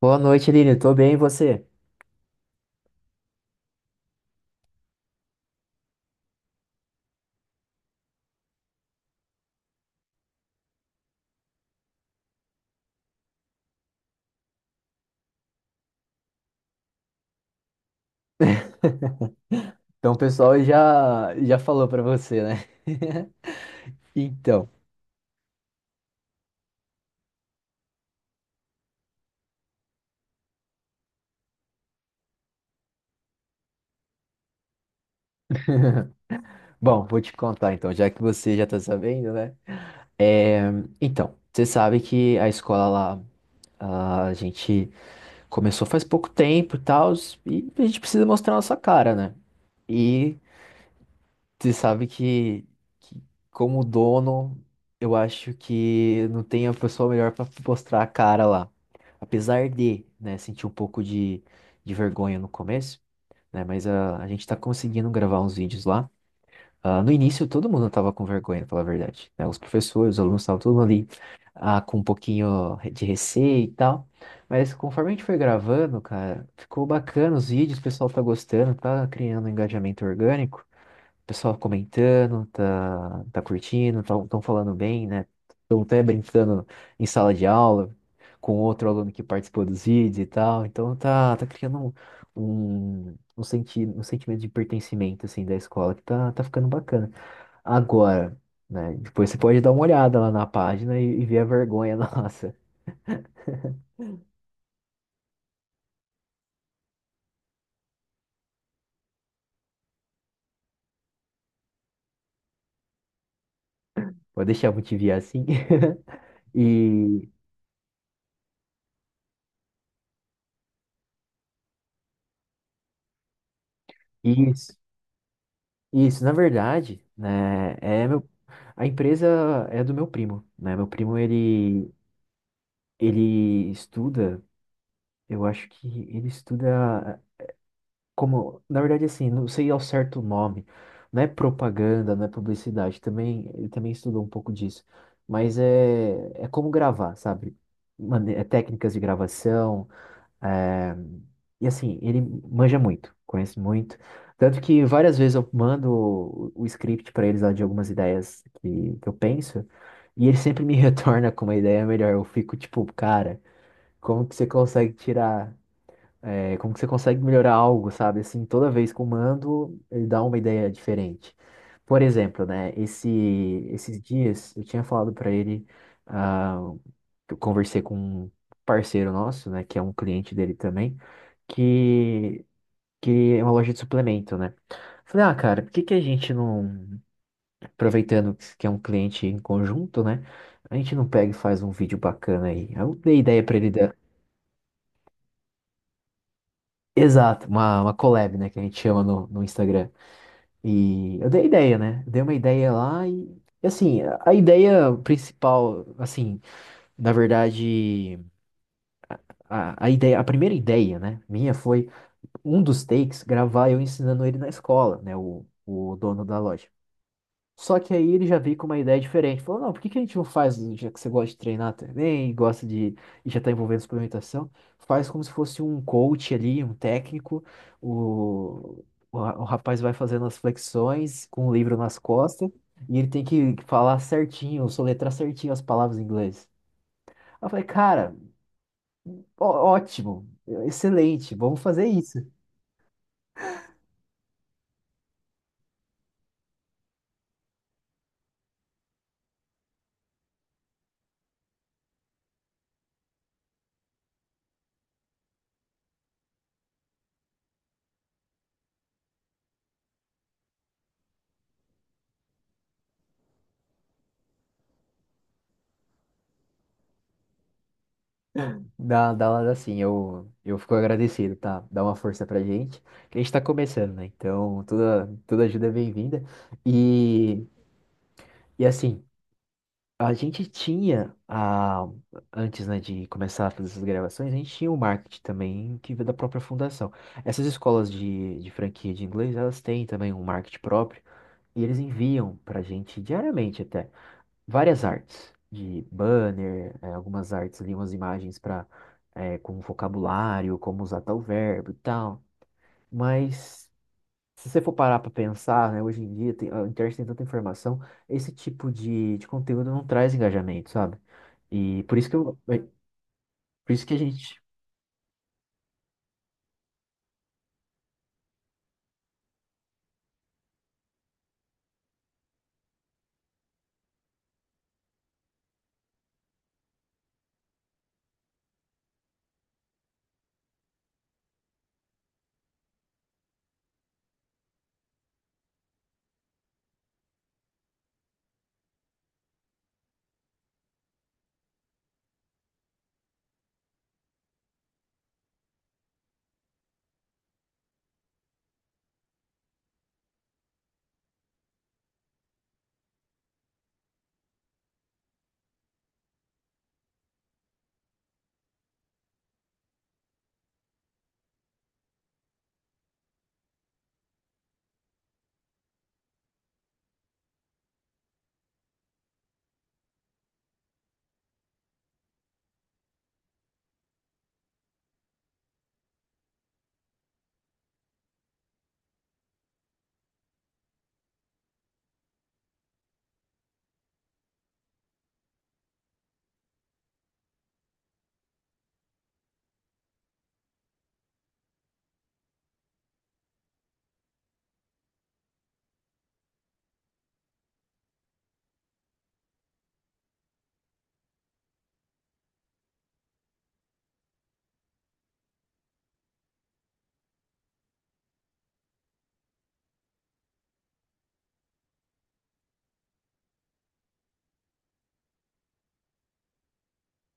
Boa noite, Aline. Tô bem, e você? Então, o pessoal já falou pra você, né? Então, bom, vou te contar então, já que você já tá sabendo, né? É, então, você sabe que a escola lá, a gente começou faz pouco tempo e tal, e a gente precisa mostrar a nossa cara, né? E você sabe que como dono, eu acho que não tem a pessoa melhor para mostrar a cara lá. Apesar de, né, sentir um pouco de vergonha no começo, né, mas a gente tá conseguindo gravar uns vídeos lá. Ah, no início, todo mundo tava com vergonha, pra falar a verdade, né? Os professores, os alunos estavam todo mundo ali com um pouquinho de receio e tal. Mas conforme a gente foi gravando, cara, ficou bacana os vídeos, o pessoal tá gostando, tá criando um engajamento orgânico. O pessoal comentando, tá curtindo, estão falando bem, né? Estão até brincando em sala de aula com outro aluno que participou dos vídeos e tal. Então tá criando um senti um sentimento de pertencimento assim, da escola que tá ficando bacana. Agora, né? Depois você pode dar uma olhada lá na página e ver a vergonha nossa. Pode deixar eu te enviar assim. E isso. Isso, na verdade, né, é meu, a empresa é do meu primo, né? Meu primo ele ele estuda, eu acho que ele estuda como, na verdade assim, não sei ao certo o nome, não é propaganda, não é publicidade, também ele também estudou um pouco disso, mas é como gravar, sabe? É técnicas de gravação, é, e assim, ele manja muito, conhece muito. Tanto que várias vezes eu mando o script para eles lá de algumas ideias que eu penso, e ele sempre me retorna com uma ideia melhor. Eu fico tipo, cara, como que você consegue tirar, é, como que você consegue melhorar algo, sabe? Assim, toda vez que eu mando, ele dá uma ideia diferente. Por exemplo, né, esses dias eu tinha falado para ele. Ah, que eu conversei com um parceiro nosso, né, que é um cliente dele também, que, que é uma loja de suplemento, né? Falei, ah, cara, por que que a gente não, aproveitando que é um cliente em conjunto, né? A gente não pega e faz um vídeo bacana aí. Aí eu dei ideia pra ele da. Exato, uma collab, né, que a gente chama no Instagram. E eu dei ideia, né? Dei uma ideia lá e assim, a ideia principal, assim, na verdade, a ideia, a primeira ideia, né, minha foi um dos takes, gravar eu ensinando ele na escola, né? O dono da loja. Só que aí ele já veio com uma ideia diferente. Falou, não, por que que a gente não faz, já que você gosta de treinar também, gosta de, e já está envolvendo suplementação, faz como se fosse um coach ali, um técnico, o, o rapaz vai fazendo as flexões com o livro nas costas, e ele tem que falar certinho, soletrar certinho as palavras em inglês. Aí eu falei, cara, ótimo, excelente, vamos fazer isso. Dá uma assim, eu fico agradecido, tá? Dá uma força pra gente, que a gente tá começando, né? Então, toda ajuda é bem-vinda. E, e assim, a gente tinha, a, antes, né, de começar a fazer essas gravações, a gente tinha o marketing também, que veio da própria fundação. Essas escolas de franquia de inglês, elas têm também um marketing próprio, e eles enviam pra gente diariamente até várias artes de banner, algumas artes ali, umas imagens para com um vocabulário, como usar tal verbo e tal. Mas se você for parar para pensar, né, hoje em dia tem, a internet tem tanta informação, esse tipo de conteúdo não traz engajamento, sabe? E por isso que eu, é, por isso que a gente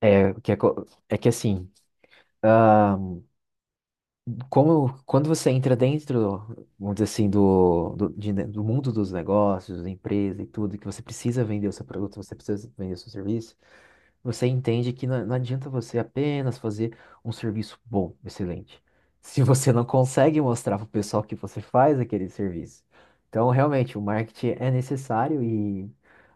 é que é, co- é que assim ah, como, quando você entra dentro, vamos dizer assim, de do mundo dos negócios, da empresa e tudo, que você precisa vender o seu produto, você precisa vender o seu serviço, você entende que não, não adianta você apenas fazer um serviço bom, excelente, se você não consegue mostrar para o pessoal que você faz aquele serviço. Então, realmente, o marketing é necessário e,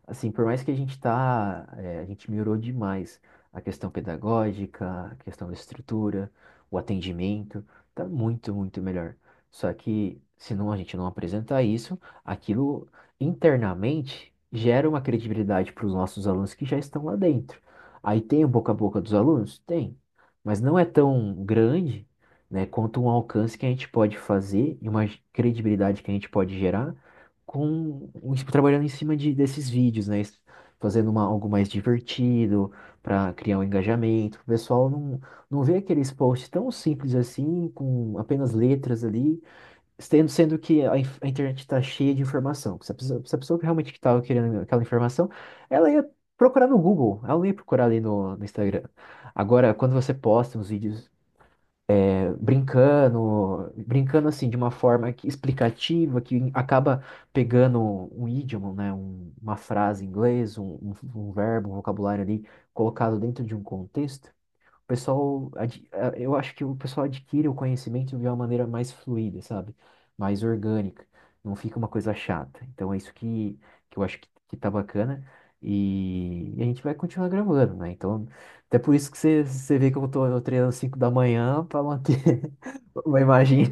assim, por mais que a gente tá, é, a gente melhorou demais a questão pedagógica, a questão da estrutura, o atendimento. Tá muito melhor. Só que se não a gente não apresentar isso, aquilo internamente gera uma credibilidade para os nossos alunos que já estão lá dentro. Aí tem o boca a boca dos alunos? Tem. Mas não é tão grande, né, quanto um alcance que a gente pode fazer e uma credibilidade que a gente pode gerar com trabalhando em cima desses vídeos, né? Fazendo uma, algo mais divertido, para criar um engajamento. O pessoal não, não vê aqueles posts tão simples assim, com apenas letras ali, sendo que a internet está cheia de informação. Se a pessoa, se a pessoa realmente que estava querendo aquela informação, ela ia procurar no Google, ela não ia procurar ali no Instagram. Agora, quando você posta uns vídeos brincando assim, de uma forma explicativa, que acaba pegando um idioma, né, uma frase em inglês, um verbo, um vocabulário ali, colocado dentro de um contexto. O pessoal, ad- eh, eu acho que o pessoal adquire o conhecimento de uma maneira mais fluida, sabe? Mais orgânica. Não fica uma coisa chata. Então é isso que eu acho que tá bacana. E a gente vai continuar gravando, né? Então, até por isso que você vê que eu tô eu treinando 5 da manhã para manter uma imagem.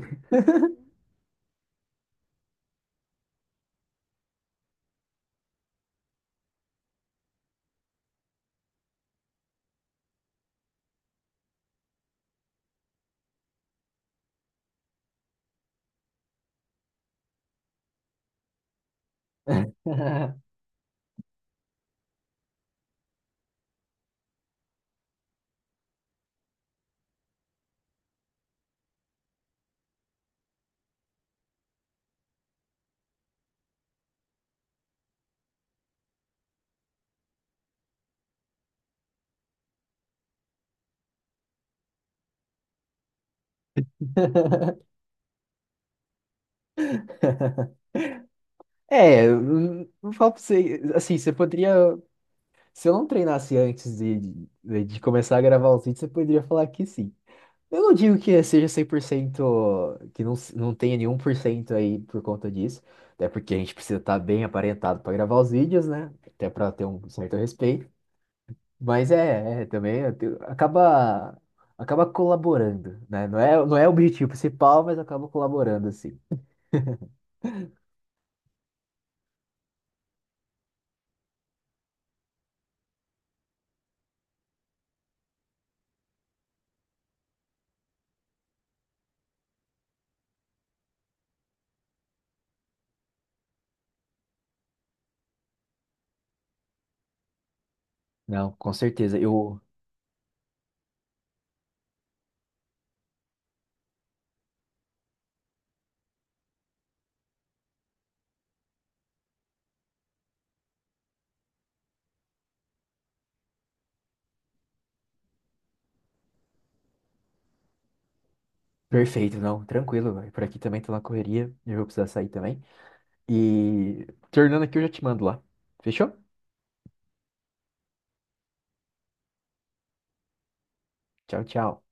É, eu não falo pra você, assim, você poderia, se eu não treinasse antes de começar a gravar os vídeos, você poderia falar que sim. Eu não digo que seja 100%, que não, não tenha nenhum por cento aí por conta disso, até porque a gente precisa estar bem aparentado para gravar os vídeos, né? Até para ter um certo respeito. Mas também eu acaba, acaba colaborando, né? Não é, não é o objetivo principal, mas acaba colaborando, assim. Não, com certeza. Eu. Perfeito, não, tranquilo, velho. Por aqui também tô na correria, eu vou precisar sair também. E tornando aqui, eu já te mando lá. Fechou? Tchau, tchau.